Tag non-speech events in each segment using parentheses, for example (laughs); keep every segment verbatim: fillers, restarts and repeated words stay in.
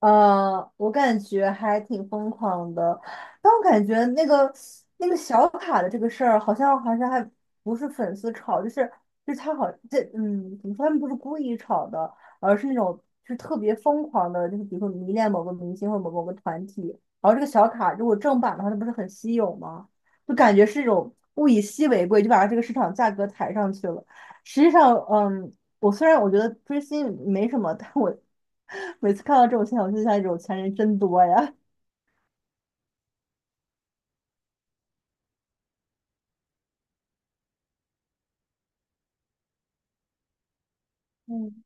呃，我感觉还挺疯狂的，但我感觉那个那个小卡的这个事儿，好像好像还不是粉丝炒，就是就是他好这嗯，怎么说，他们不是故意炒的，而是那种就是特别疯狂的，就是比如说迷恋某个明星或某某个团体，然后这个小卡如果正版的话，它不是很稀有吗？就感觉是一种物以稀为贵，就把它这个市场价格抬上去了。实际上，嗯，我虽然我觉得追星没什么，但我 (laughs) 每次看到这种现象，我就想，有钱人真多呀。嗯。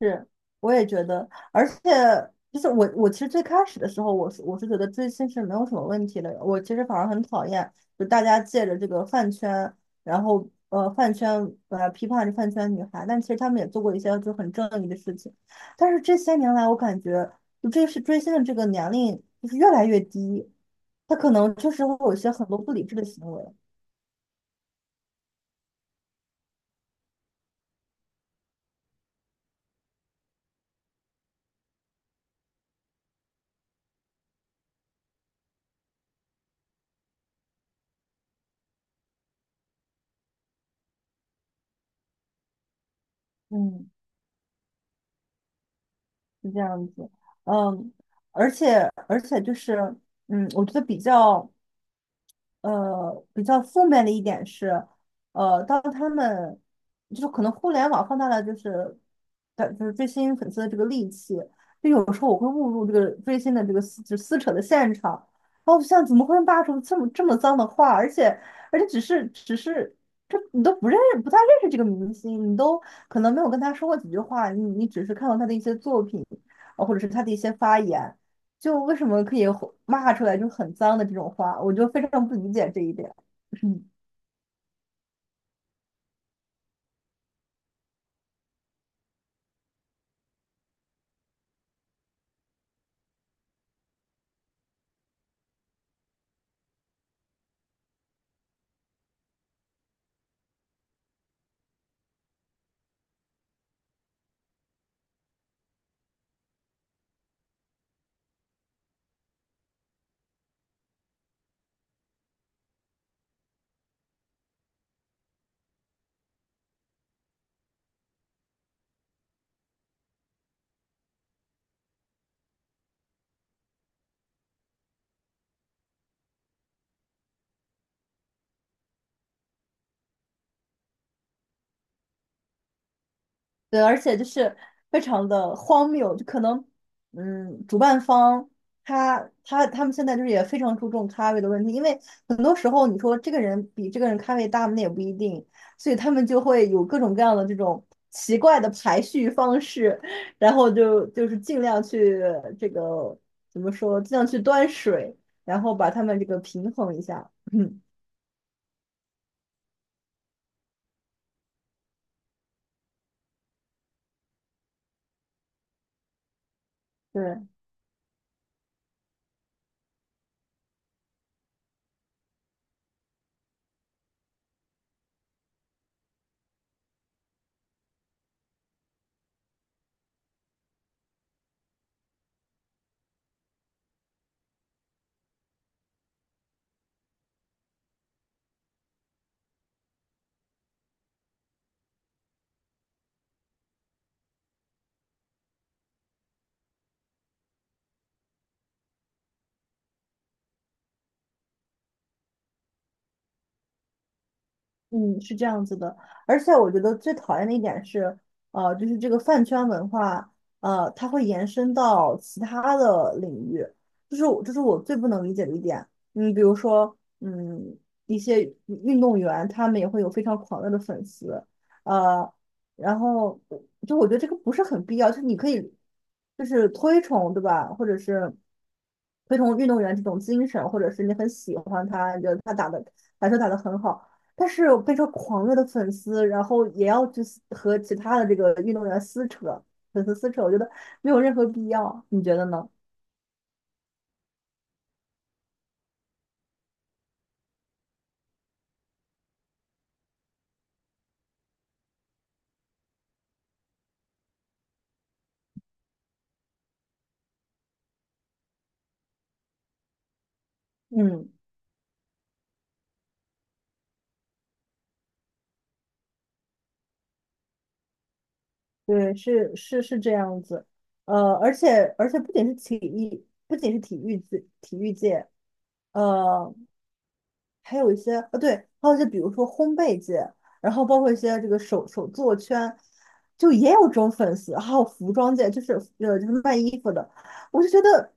是，我也觉得，而且就是我，我其实最开始的时候，我是我是觉得追星是没有什么问题的，我其实反而很讨厌，就大家借着这个饭圈，然后呃饭圈呃批判着饭圈女孩，但其实他们也做过一些就很正义的事情，但是这些年来，我感觉就这是追星的这个年龄就是越来越低，他可能确实会有一些很多不理智的行为。嗯，是这样子，嗯，而且而且就是嗯，我觉得比较。呃，比较负面的一点是，呃，当他们就是可能互联网放大了就是的就是追星粉丝的这个戾气，就有时候我会误入这个追星的这个撕就撕扯的现场，然后我想怎么会骂出这么这么脏的话，而且而且只是只是这你都不认识不太认识这个明星，你都可能没有跟他说过几句话，你你只是看过他的一些作品，呃或者是他的一些发言。就为什么可以吼骂出来就很脏的这种话，我就非常不理解这一点。嗯，对，而且就是非常的荒谬，就可能，嗯，主办方他他他们现在就是也非常注重咖位的问题，因为很多时候你说这个人比这个人咖位大，那也不一定，所以他们就会有各种各样的这种奇怪的排序方式，然后就就是尽量去这个怎么说，尽量去端水，然后把他们这个平衡一下。(laughs) (clears throat) 对，嗯，是这样子的，而且我觉得最讨厌的一点是，呃，就是这个饭圈文化，呃，它会延伸到其他的领域，这是我这是我最不能理解的一点。嗯，比如说，嗯，一些运动员他们也会有非常狂热的粉丝，呃，然后就我觉得这个不是很必要，就是你可以就是推崇，对吧？或者是推崇运动员这种精神，或者是你很喜欢他，你觉得他打的篮球打得很好。但是我变成狂热的粉丝，然后也要去撕和其他的这个运动员撕扯，粉丝撕扯，我觉得没有任何必要，你觉得呢？嗯，对，是是是这样子，呃，而且而且不仅是体育，不仅是体育界体育界，呃，还有一些呃，对，还有一些比如说烘焙界，然后包括一些这个手手作圈，就也有这种粉丝，还有服装界，就是呃就是卖衣服的，我就觉得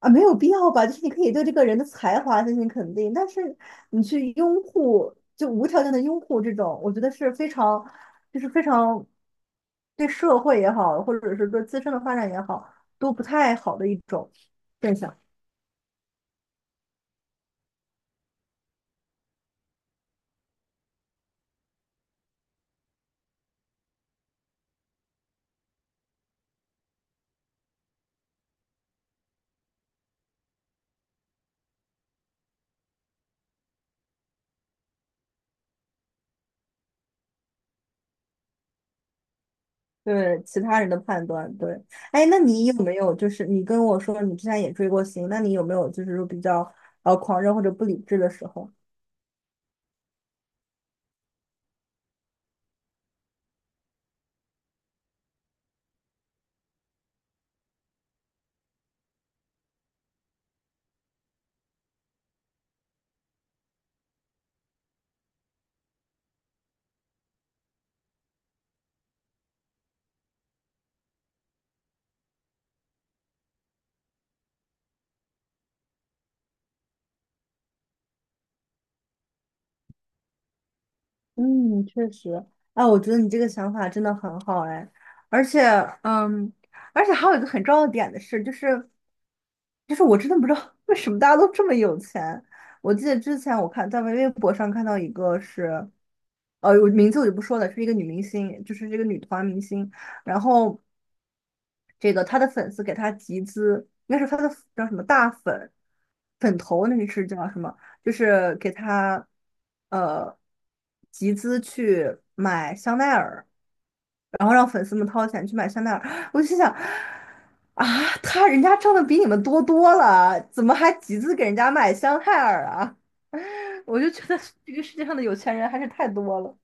啊没有必要吧，就是你可以对这个人的才华进行肯定，但是你去拥护，就无条件的拥护这种，我觉得是非常就是非常对社会也好，或者是对自身的发展也好，都不太好的一种现象。对其他人的判断，对，哎，那你有没有就是你跟我说你之前也追过星，那你有没有就是说比较呃狂热或者不理智的时候？嗯，确实，哎，我觉得你这个想法真的很好，哎，而且，嗯，而且还有一个很重要的点的是，就是，就是我真的不知道 (laughs) 为什么大家都这么有钱。我记得之前我看在微博上看到一个是，呃，我名字我就不说了，是一个女明星，就是这个女团明星，然后这个她的粉丝给她集资，应该是她的叫什么大粉粉头，那个是叫什么？就是给他呃集资去买香奈儿，然后让粉丝们掏钱去买香奈儿。(gasps) 我就心想，啊，他人家挣的比你们多多了，怎么还集资给人家买香奈儿啊？(laughs) 我就觉得这个世界上的有钱人还是太多了。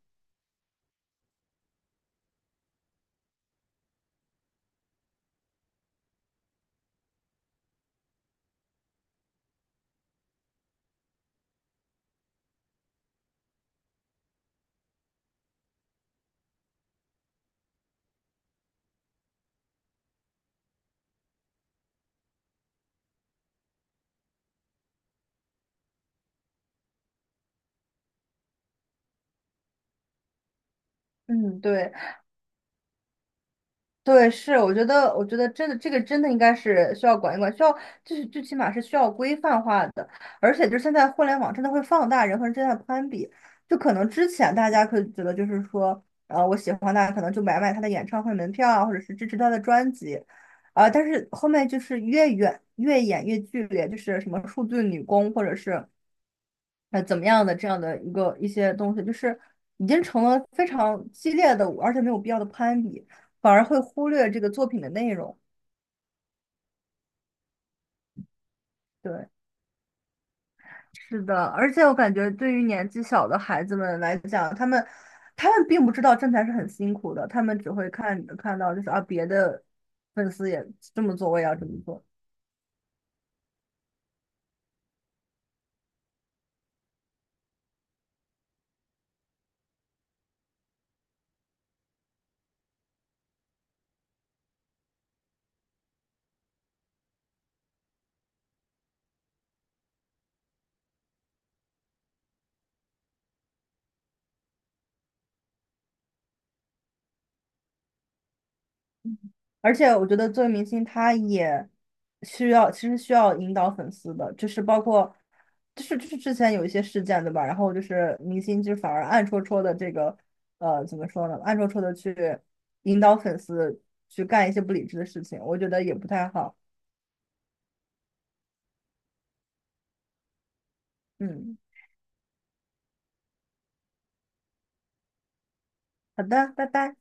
嗯，对。对，是，我觉得，我觉得真的，这个真的应该是需要管一管，需要就是最起码是需要规范化的，而且就是现在互联网真的会放大人和人之间的攀比，就可能之前大家可以觉得就是说，呃，我喜欢他，可能就买买他的演唱会门票啊，或者是支持他的专辑，啊、但是后面就是越远越演越剧烈，就是什么数字女工，或者是呃怎么样的这样的一个一些东西，就是已经成了非常激烈的，而且没有必要的攀比，反而会忽略这个作品的内容。对，是的，而且我感觉对于年纪小的孩子们来讲，他们他们并不知道挣钱是很辛苦的，他们只会看看到就是啊别的粉丝也这么做，我也要这么做。而且我觉得作为明星，他也需要，其实需要引导粉丝的，就是包括，就是就是之前有一些事件，对吧？然后就是明星就反而暗戳戳的这个，呃，怎么说呢？暗戳戳的去引导粉丝去干一些不理智的事情，我觉得也不太好。嗯，好的，拜拜。